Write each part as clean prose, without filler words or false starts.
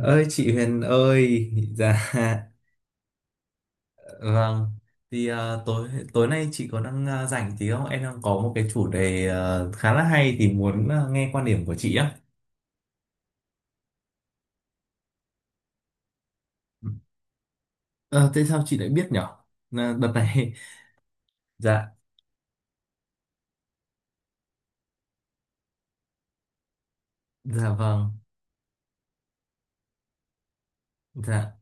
Ơi chị Huyền ơi! Dạ vâng. Thì tối tối nay chị có đang rảnh tí không? Em đang có một cái chủ đề khá là hay thì muốn nghe quan điểm của chị á. Ờ, thế sao chị lại biết nhở? Là đợt này. Dạ. Dạ vâng. Dạ.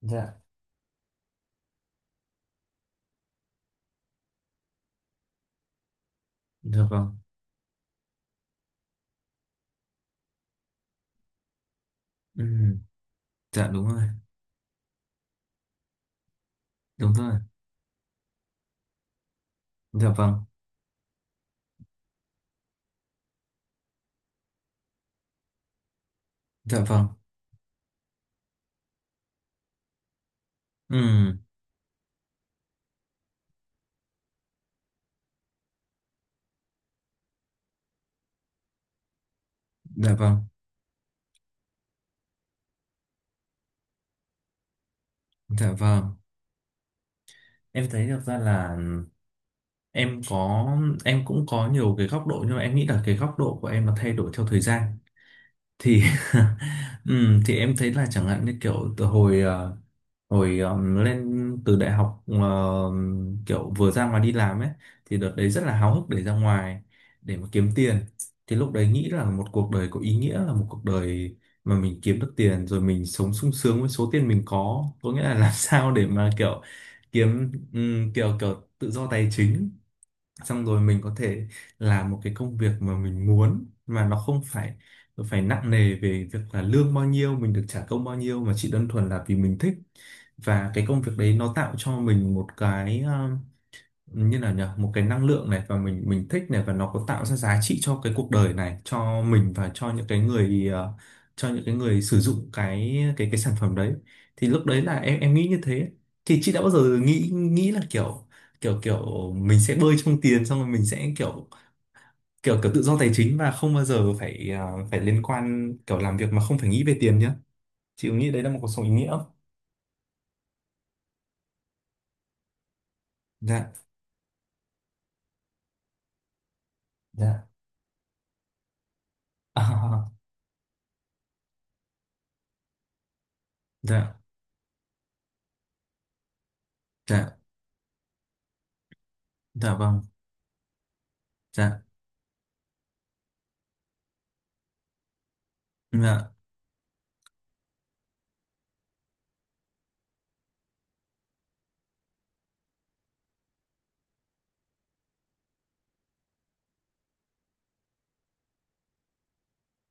Dạ. Dạ vâng. Ừ. Dạ đúng rồi. Đúng rồi. Dạ vâng. Dạ vâng. Ừ. Dạ vâng. Dạ vâng. Em thấy được ra là em có em cũng có nhiều cái góc độ, nhưng mà em nghĩ là cái góc độ của em nó thay đổi theo thời gian. Thì thì em thấy là chẳng hạn như kiểu từ hồi lên đại học, kiểu vừa ra ngoài đi làm ấy, thì đợt đấy rất là háo hức để ra ngoài, để mà kiếm tiền. Thì lúc đấy nghĩ là một cuộc đời có ý nghĩa là một cuộc đời mà mình kiếm được tiền rồi mình sống sung sướng với số tiền mình có nghĩa là làm sao để mà kiểu kiếm kiểu kiểu tự do tài chính, xong rồi mình có thể làm một cái công việc mà mình muốn, mà nó không phải phải nặng nề về việc là lương bao nhiêu, mình được trả công bao nhiêu, mà chỉ đơn thuần là vì mình thích, và cái công việc đấy nó tạo cho mình một cái như là nhờ một cái năng lượng này, và mình thích này, và nó có tạo ra giá trị cho cái cuộc đời này, cho mình, và cho những cái người cho những cái người sử dụng cái sản phẩm đấy. Thì lúc đấy là em nghĩ như thế. Thì chị đã bao giờ nghĩ nghĩ là kiểu kiểu kiểu mình sẽ bơi trong tiền, xong rồi mình sẽ kiểu kiểu kiểu tự do tài chính, và không bao giờ phải liên quan kiểu làm việc mà không phải nghĩ về tiền nhá? Chị có nghĩ đấy là một cuộc sống ý nghĩa không? Dạ. Dạ. À. Dạ. Dạ. Dạ vâng. Dạ. Dạ.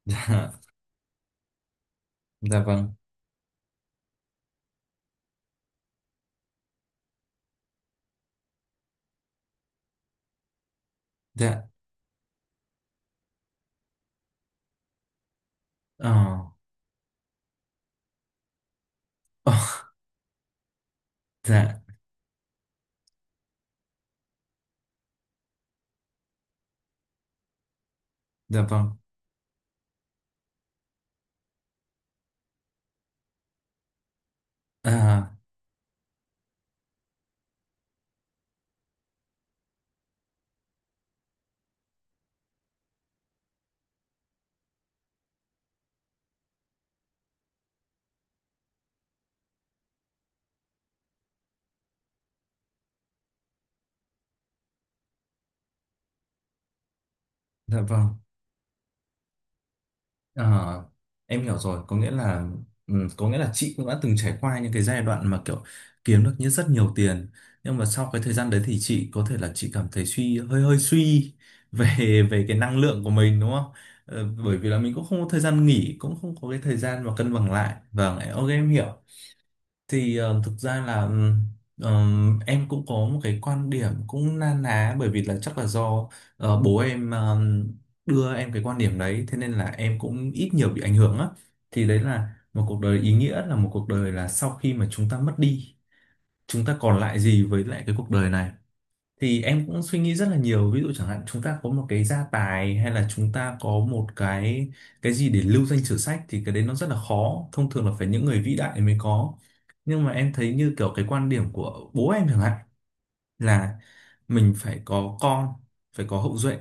Dạ. Dạ vâng. Dạ. Ờ. Ờ. Dạ. Dạ vâng. À. Dạ vâng. Ờ, em hiểu rồi, có nghĩa là chị cũng đã từng trải qua những cái giai đoạn mà kiểu kiếm được như rất nhiều tiền, nhưng mà sau cái thời gian đấy thì chị có thể là chị cảm thấy suy, hơi hơi suy về về cái năng lượng của mình, đúng không? Ờ, bởi vì là mình cũng không có thời gian nghỉ, cũng không có cái thời gian mà cân bằng lại. Vâng, ok, em hiểu. Thì thực ra là em cũng có một cái quan điểm cũng na ná, bởi vì là chắc là do bố em đưa em cái quan điểm đấy, thế nên là em cũng ít nhiều bị ảnh hưởng á. Thì đấy là một cuộc đời ý nghĩa là một cuộc đời là sau khi mà chúng ta mất đi, chúng ta còn lại gì với lại cái cuộc đời này. Thì em cũng suy nghĩ rất là nhiều, ví dụ chẳng hạn chúng ta có một cái gia tài, hay là chúng ta có một cái gì để lưu danh sử sách, thì cái đấy nó rất là khó, thông thường là phải những người vĩ đại mới có. Nhưng mà em thấy như kiểu cái quan điểm của bố em chẳng hạn, là mình phải có con, phải có hậu duệ,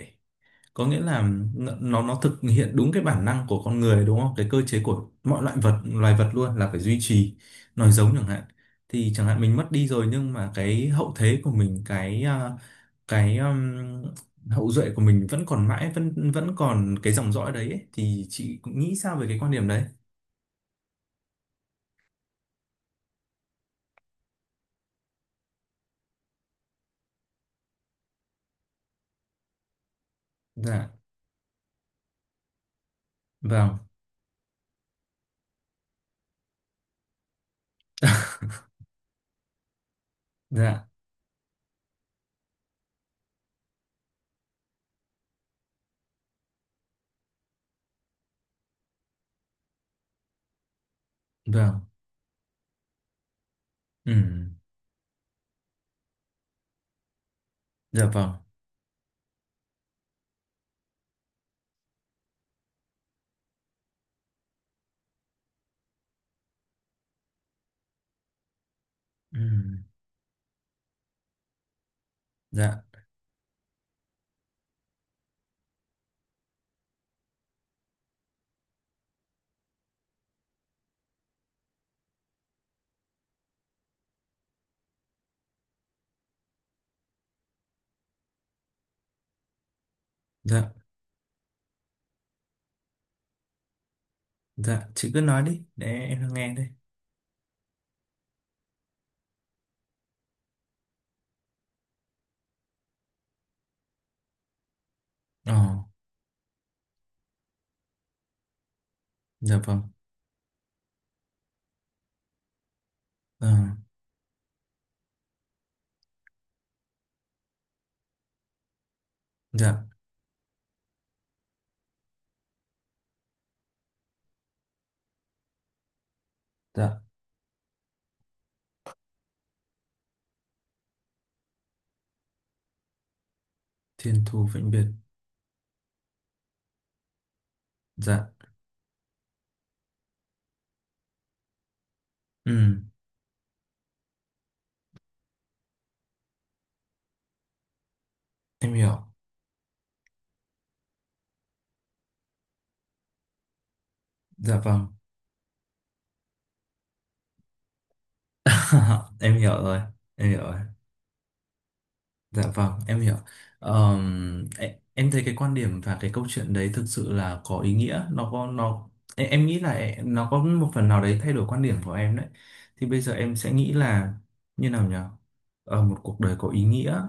có nghĩa là nó thực hiện đúng cái bản năng của con người, đúng không? Cái cơ chế của mọi loại vật loài vật luôn là phải duy trì nói giống chẳng hạn. Thì chẳng hạn mình mất đi rồi, nhưng mà cái hậu thế của mình, cái à, cái hậu duệ của mình vẫn còn mãi, vẫn vẫn còn cái dòng dõi đấy ấy. Thì chị cũng nghĩ sao về cái quan điểm đấy? Dạ vâng. Dạ vâng. Ừ. Dạ vâng. Ừ. Dạ. Dạ. Dạ, chị cứ nói đi để em nghe đây. Ờ. Dạ vâng. Ờ. Dạ. Dạ. Thiên thu vĩnh biệt. Dạ. Ừ, em hiểu. Dạ vâng. Em hiểu rồi. Em hiểu rồi. Dạ vâng, em hiểu. Em thấy cái quan điểm và cái câu chuyện đấy thực sự là có ý nghĩa. Nó có nó e- em nghĩ là e- nó có một phần nào đấy thay đổi quan điểm của em đấy. Thì bây giờ em sẽ nghĩ là như nào nhỉ? Một cuộc đời có ý nghĩa,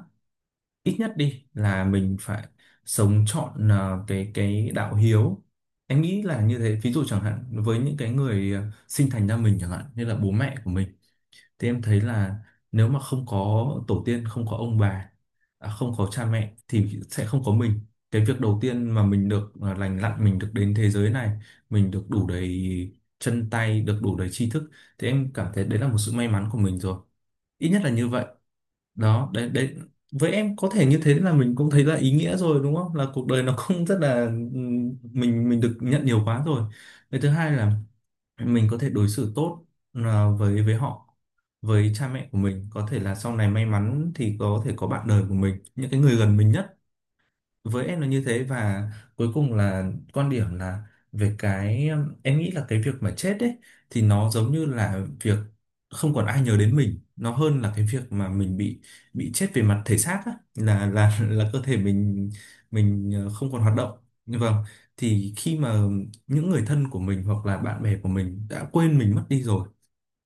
ít nhất đi là mình phải sống trọn cái đạo hiếu. Em nghĩ là như thế. Ví dụ chẳng hạn với những cái người sinh thành ra mình, chẳng hạn như là bố mẹ của mình, thì em thấy là nếu mà không có tổ tiên, không có ông bà, không có cha mẹ, thì sẽ không có mình. Cái việc đầu tiên mà mình được, lành lặn mình được đến thế giới này, mình được đủ đầy, chân tay được đủ đầy tri thức, thì em cảm thấy đấy là một sự may mắn của mình rồi. Ít nhất là như vậy. Đó, đấy đấy. Với em có thể như thế là mình cũng thấy là ý nghĩa rồi, đúng không, là cuộc đời nó cũng rất là, mình được nhận nhiều quá rồi. Cái thứ hai là mình có thể đối xử tốt, với họ, với cha mẹ của mình, có thể là sau này may mắn thì có thể có bạn đời của mình, những cái người gần mình nhất. Với em là như thế. Và cuối cùng là quan điểm là về cái, em nghĩ là cái việc mà chết ấy, thì nó giống như là việc không còn ai nhớ đến mình, nó hơn là cái việc mà mình bị chết về mặt thể xác á, là là cơ thể mình không còn hoạt động như vâng. Thì khi mà những người thân của mình hoặc là bạn bè của mình đã quên mình mất đi rồi,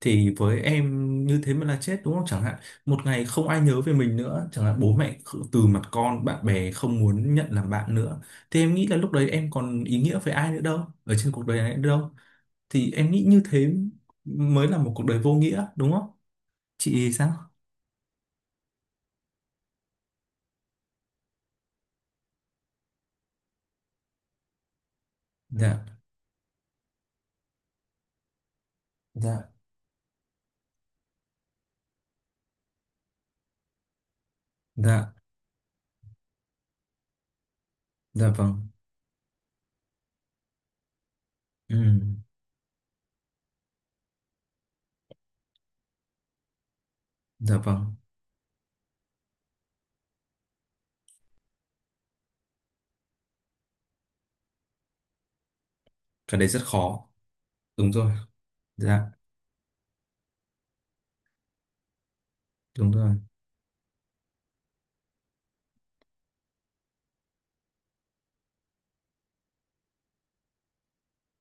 thì với em như thế mới là chết, đúng không? Chẳng hạn một ngày không ai nhớ về mình nữa, chẳng hạn bố mẹ từ mặt con, bạn bè không muốn nhận làm bạn nữa, thì em nghĩ là lúc đấy em còn ý nghĩa với ai nữa đâu, ở trên cuộc đời này nữa đâu. Thì em nghĩ như thế mới là một cuộc đời vô nghĩa, đúng không? Chị thì sao? Dạ. Dạ. Dạ. Dạ vâng. Ừ. Dạ vâng. Cái đấy rất khó. Đúng rồi. Dạ. Đúng rồi.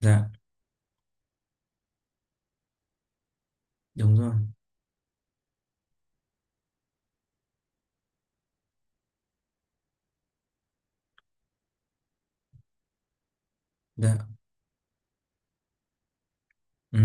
Dạ. Đúng rồi. Dạ. Ừ.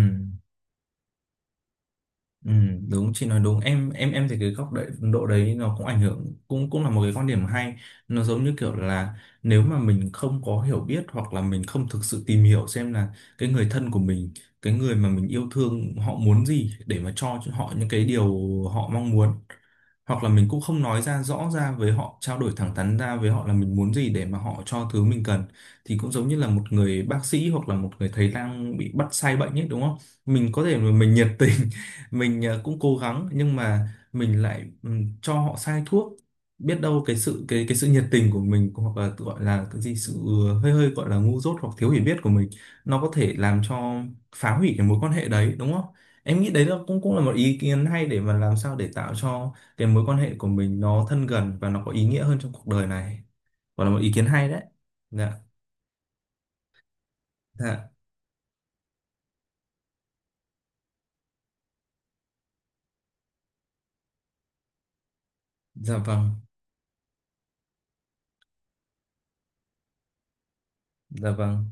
Ừ, đúng, chị nói đúng. Em thấy cái góc độ độ đấy nó cũng ảnh hưởng, cũng cũng là một cái quan điểm hay. Nó giống như kiểu là nếu mà mình không có hiểu biết, hoặc là mình không thực sự tìm hiểu xem là cái người thân của mình, cái người mà mình yêu thương, họ muốn gì để mà cho họ những cái điều họ mong muốn, hoặc là mình cũng không nói ra rõ ra với họ, trao đổi thẳng thắn ra với họ là mình muốn gì để mà họ cho thứ mình cần, thì cũng giống như là một người bác sĩ hoặc là một người thầy lang bị bắt sai bệnh ấy, đúng không? Mình có thể mà mình nhiệt tình, mình cũng cố gắng, nhưng mà mình lại cho họ sai thuốc. Biết đâu cái sự nhiệt tình của mình, hoặc là tự gọi là cái gì, sự hơi hơi gọi là ngu dốt hoặc thiếu hiểu biết của mình, nó có thể làm cho, phá hủy cái mối quan hệ đấy, đúng không? Em nghĩ đấy là cũng cũng là một ý kiến hay, để mà làm sao để tạo cho cái mối quan hệ của mình nó thân gần và nó có ý nghĩa hơn trong cuộc đời này. Gọi là một ý kiến hay đấy. Dạ. Dạ. Dạ vâng. Dạ vâng.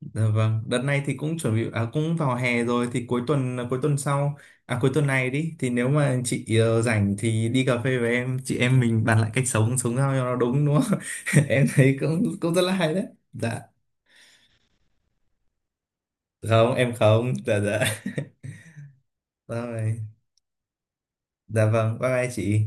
Dạ vâng, đợt này thì cũng chuẩn bị, à, cũng vào hè rồi, thì cuối tuần, à, cuối tuần sau, à, cuối tuần này đi, thì nếu mà chị rảnh thì đi cà phê với em, chị em mình bàn lại cách sống sống sao cho nó đúng đúng không? Em thấy cũng cũng rất là hay đấy. Dạ. Không, em không. Dạ. Dạ. Rồi. Dạ vâng, bye bye chị.